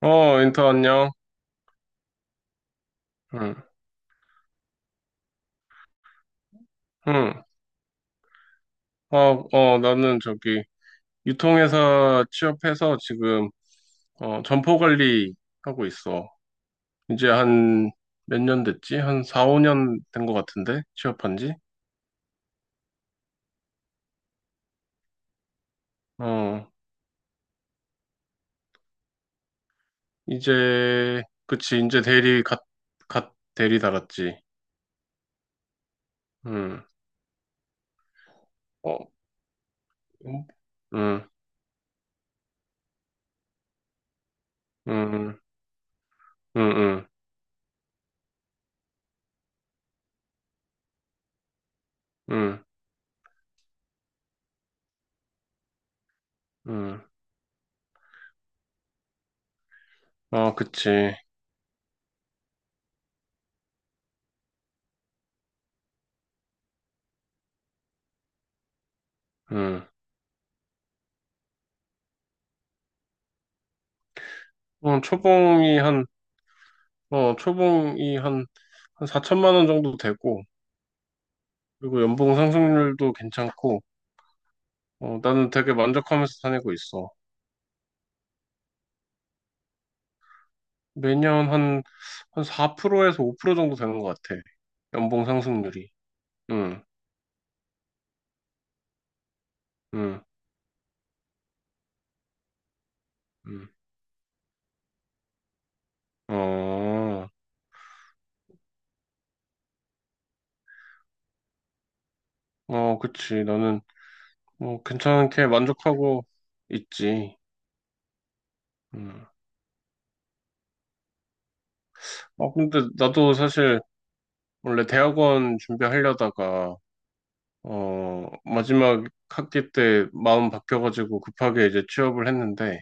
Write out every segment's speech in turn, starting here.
어, 인터 안녕. 응, 응. 어, 어, 나는 저기 유통회사 취업해서 지금 점포 관리 하고 있어. 이제 한 몇 년 됐지? 한 4, 5년 된 것 같은데? 취업한 지? 어, 이제 그치. 이제 대리 갓 대리 달았지. 응. 어, 응, 응, 응, 응, 응, 응. 응, 응. 아 그치. 응. 어, 초봉이 한 초봉이 한 4천만 원 정도 되고, 그리고 연봉 상승률도 괜찮고, 나는 되게 만족하면서 다니고 있어. 매년 한 4%에서 5% 정도 되는 것 같아. 연봉 상승률이. 응, 응, 응. 어, 어, 그치. 나는, 뭐, 괜찮게 만족하고 있지. 음. 아, 근데 나도 사실, 원래 대학원 준비하려다가, 마지막 학기 때 마음 바뀌어가지고 급하게 이제 취업을 했는데,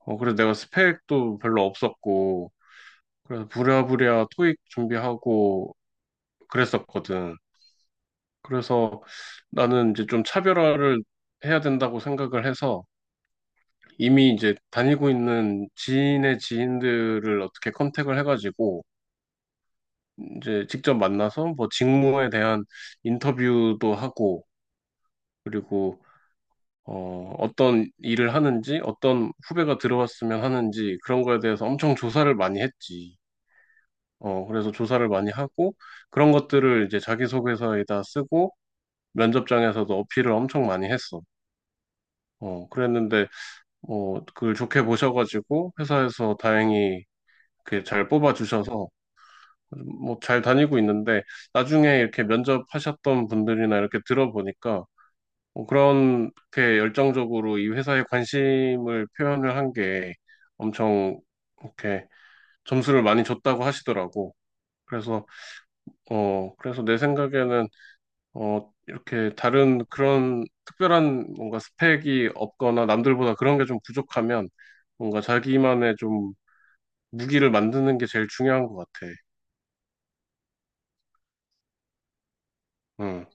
그래서 내가 스펙도 별로 없었고, 그래서 부랴부랴 토익 준비하고 그랬었거든. 그래서 나는 이제 좀 차별화를 해야 된다고 생각을 해서 이미 이제 다니고 있는 지인의 지인들을 어떻게 컨택을 해가지고 이제 직접 만나서 뭐 직무에 대한 인터뷰도 하고 그리고 어떤 일을 하는지 어떤 후배가 들어왔으면 하는지 그런 거에 대해서 엄청 조사를 많이 했지. 그래서 조사를 많이 하고 그런 것들을 이제 자기소개서에다 쓰고 면접장에서도 어필을 엄청 많이 했어. 그랬는데 뭐 그걸 좋게 보셔가지고 회사에서 다행히 그잘 뽑아주셔서 뭐 잘 다니고 있는데 나중에 이렇게 면접하셨던 분들이나 이렇게 들어보니까 뭐 그렇게 열정적으로 이 회사에 관심을 표현을 한 게 엄청 이렇게 점수를 많이 줬다고 하시더라고. 그래서 그래서 내 생각에는 이렇게 다른 그런 특별한 뭔가 스펙이 없거나 남들보다 그런 게 좀 부족하면 뭔가 자기만의 좀 무기를 만드는 게 제일 중요한 것 같아. 응,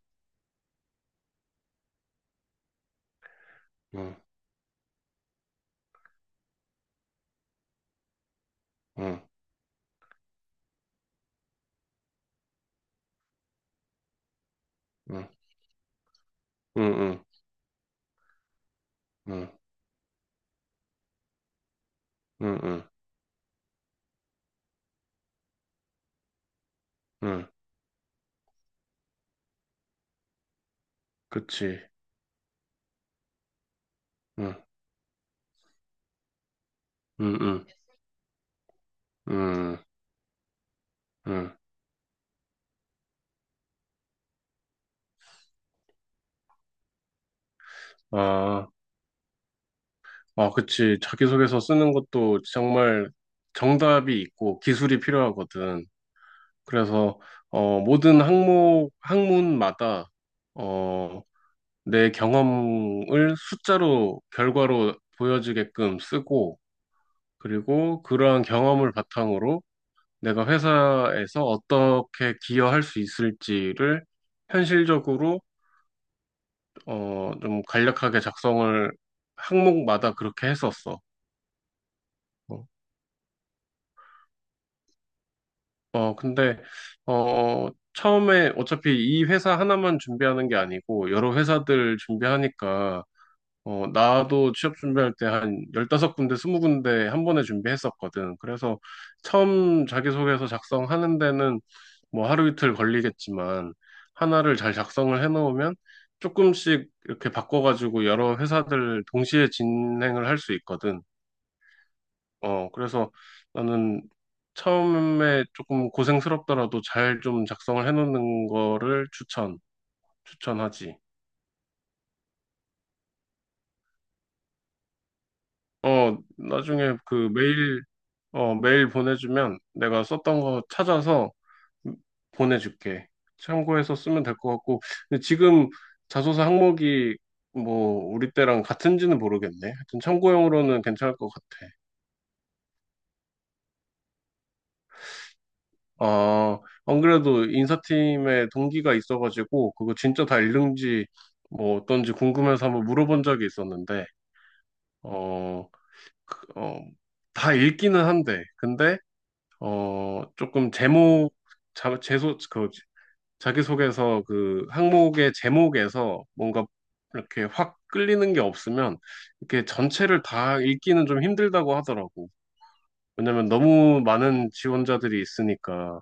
응, 응, 응, 응, 응, 응, 응, 응, 그치. 응, 응, 응, 응, 응. 아, 아, 그치. 자기소개서 쓰는 것도 정말 정답이 있고 기술이 필요하거든. 그래서, 모든 항목, 학문마다 어, 내 경험을 숫자로, 결과로 보여주게끔 쓰고, 그리고 그러한 경험을 바탕으로 내가 회사에서 어떻게 기여할 수 있을지를 현실적으로, 좀 간략하게 작성을 항목마다 그렇게 했었어. 어, 근데, 어, 처음에 어차피 이 회사 하나만 준비하는 게 아니고, 여러 회사들 준비하니까, 나도 취업 준비할 때 한 15군데, 20군데 한 번에 준비했었거든. 그래서 처음 자기소개서 작성하는 데는 뭐 하루 이틀 걸리겠지만 하나를 잘 작성을 해놓으면 조금씩 이렇게 바꿔가지고 여러 회사들 동시에 진행을 할 수 있거든. 그래서 나는 처음에 조금 고생스럽더라도 잘 좀 작성을 해놓는 거를 추천하지. 나중에 그 메일 보내주면 내가 썼던 거 찾아서 보내줄게. 참고해서 쓰면 될 것 같고. 근데 지금 자소서 항목이 뭐 우리 때랑 같은지는 모르겠네. 하여튼 참고용으로는 괜찮을 것 같아. 안 그래도 인사팀에 동기가 있어가지고 그거 진짜 다 읽는지 뭐 어떤지 궁금해서 한번 물어본 적이 있었는데 어, 그, 어, 다 읽기는 한데 근데 조금 제목 그 자기소개서 그 항목의 제목에서 뭔가 이렇게 확 끌리는 게 없으면 이렇게 전체를 다 읽기는 좀 힘들다고 하더라고. 왜냐면 너무 많은 지원자들이 있으니까.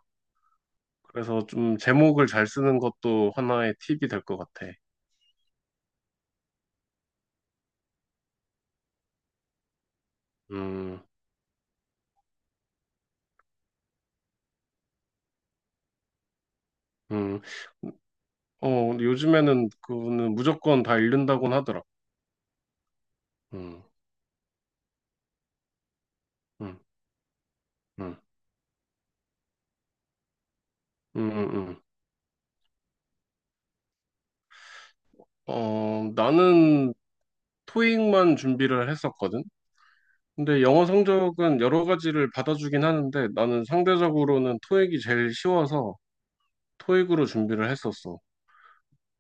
그래서 좀 제목을 잘 쓰는 것도 하나의 팁이 될 것 같아. 음, 음. 근데 요즘에는 그거는 무조건 다 읽는다고는 하더라. 음, 음, 음, 음. 나는 토익만 준비를 했었거든. 근데 영어 성적은 여러 가지를 받아주긴 하는데 나는 상대적으로는 토익이 제일 쉬워서 토익으로 준비를 했었어.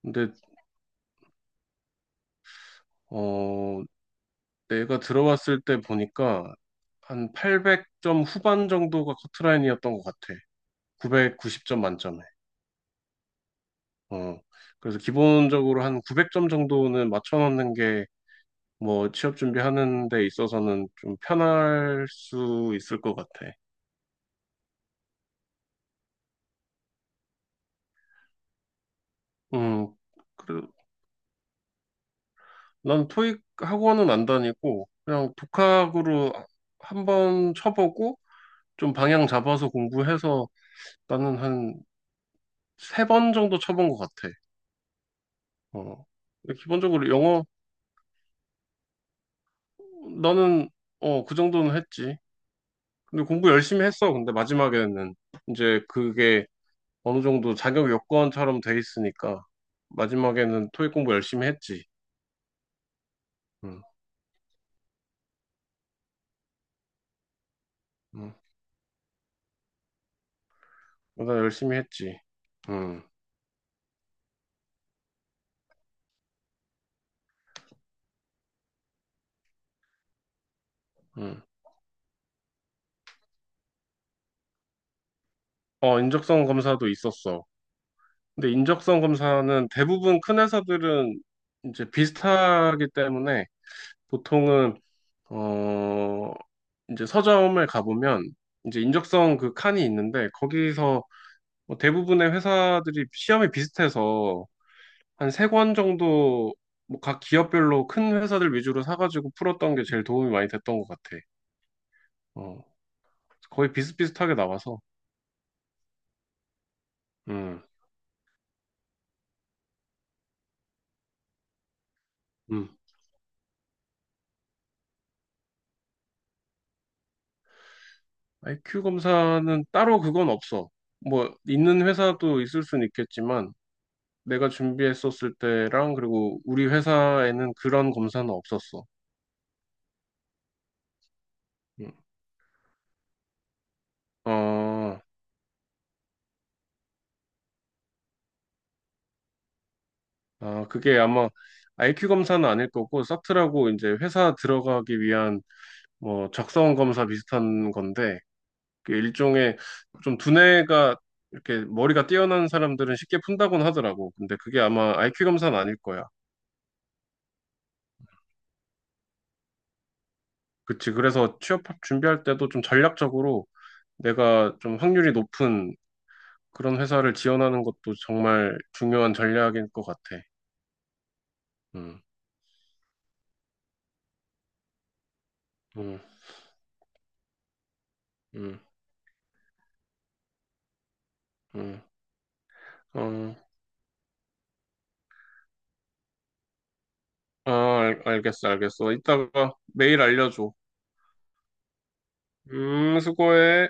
근데 어 내가 들어왔을 때 보니까 한 800점 후반 정도가 커트라인이었던 것 같아. 990점 만점에. 어 그래서 기본적으로 한 900점 정도는 맞춰놓는 게 뭐 취업 준비하는 데 있어서는 좀 편할 수 있을 것 같아. 음, 그래, 난 토익 학원은 안 다니고 그냥 독학으로 한 번 쳐보고 좀 방향 잡아서 공부해서 나는 한 세 번 정도 쳐본 것 같아. 어. 근데 기본적으로 영어 나는 그 정도는 했지. 근데 공부 열심히 했어. 근데 마지막에는 이제 그게 어느 정도 자격 요건처럼 돼 있으니까 마지막에는 토익 공부 열심히 했지. 응, 응. 나 열심히 했지. 응, 응. 인적성 검사도 있었어. 근데 인적성 검사는 대부분 큰 회사들은 이제 비슷하기 때문에 보통은 어 이제 서점을 가보면 이제 인적성 그 칸이 있는데 거기서 뭐 대부분의 회사들이 시험이 비슷해서 한 세 권 정도 뭐 각 기업별로 큰 회사들 위주로 사가지고 풀었던 게 제일 도움이 많이 됐던 것 같아. 어 거의 비슷비슷하게 나와서 음 음. IQ 검사는 따로 그건 없어. 뭐 있는 회사도 있을 수는 있겠지만 내가 준비했었을 때랑 그리고 우리 회사에는 그런 검사는 없었어. 음. 어, 아, 그게 아마 IQ 검사는 아닐 거고 사트라고 이제 회사 들어가기 위한 뭐 적성 검사 비슷한 건데 그 일종의 좀 두뇌가 이렇게 머리가 뛰어난 사람들은 쉽게 푼다곤 하더라고. 근데 그게 아마 IQ 검사는 아닐 거야. 그치. 그래서 취업 준비할 때도 좀 전략적으로 내가 좀 확률이 높은 그런 회사를 지원하는 것도 정말 중요한 전략인 것 같아. 음, 음, 음, 음. 어, 아, 알겠어, 알겠어. 이따가 메일 알려줘. 수고해.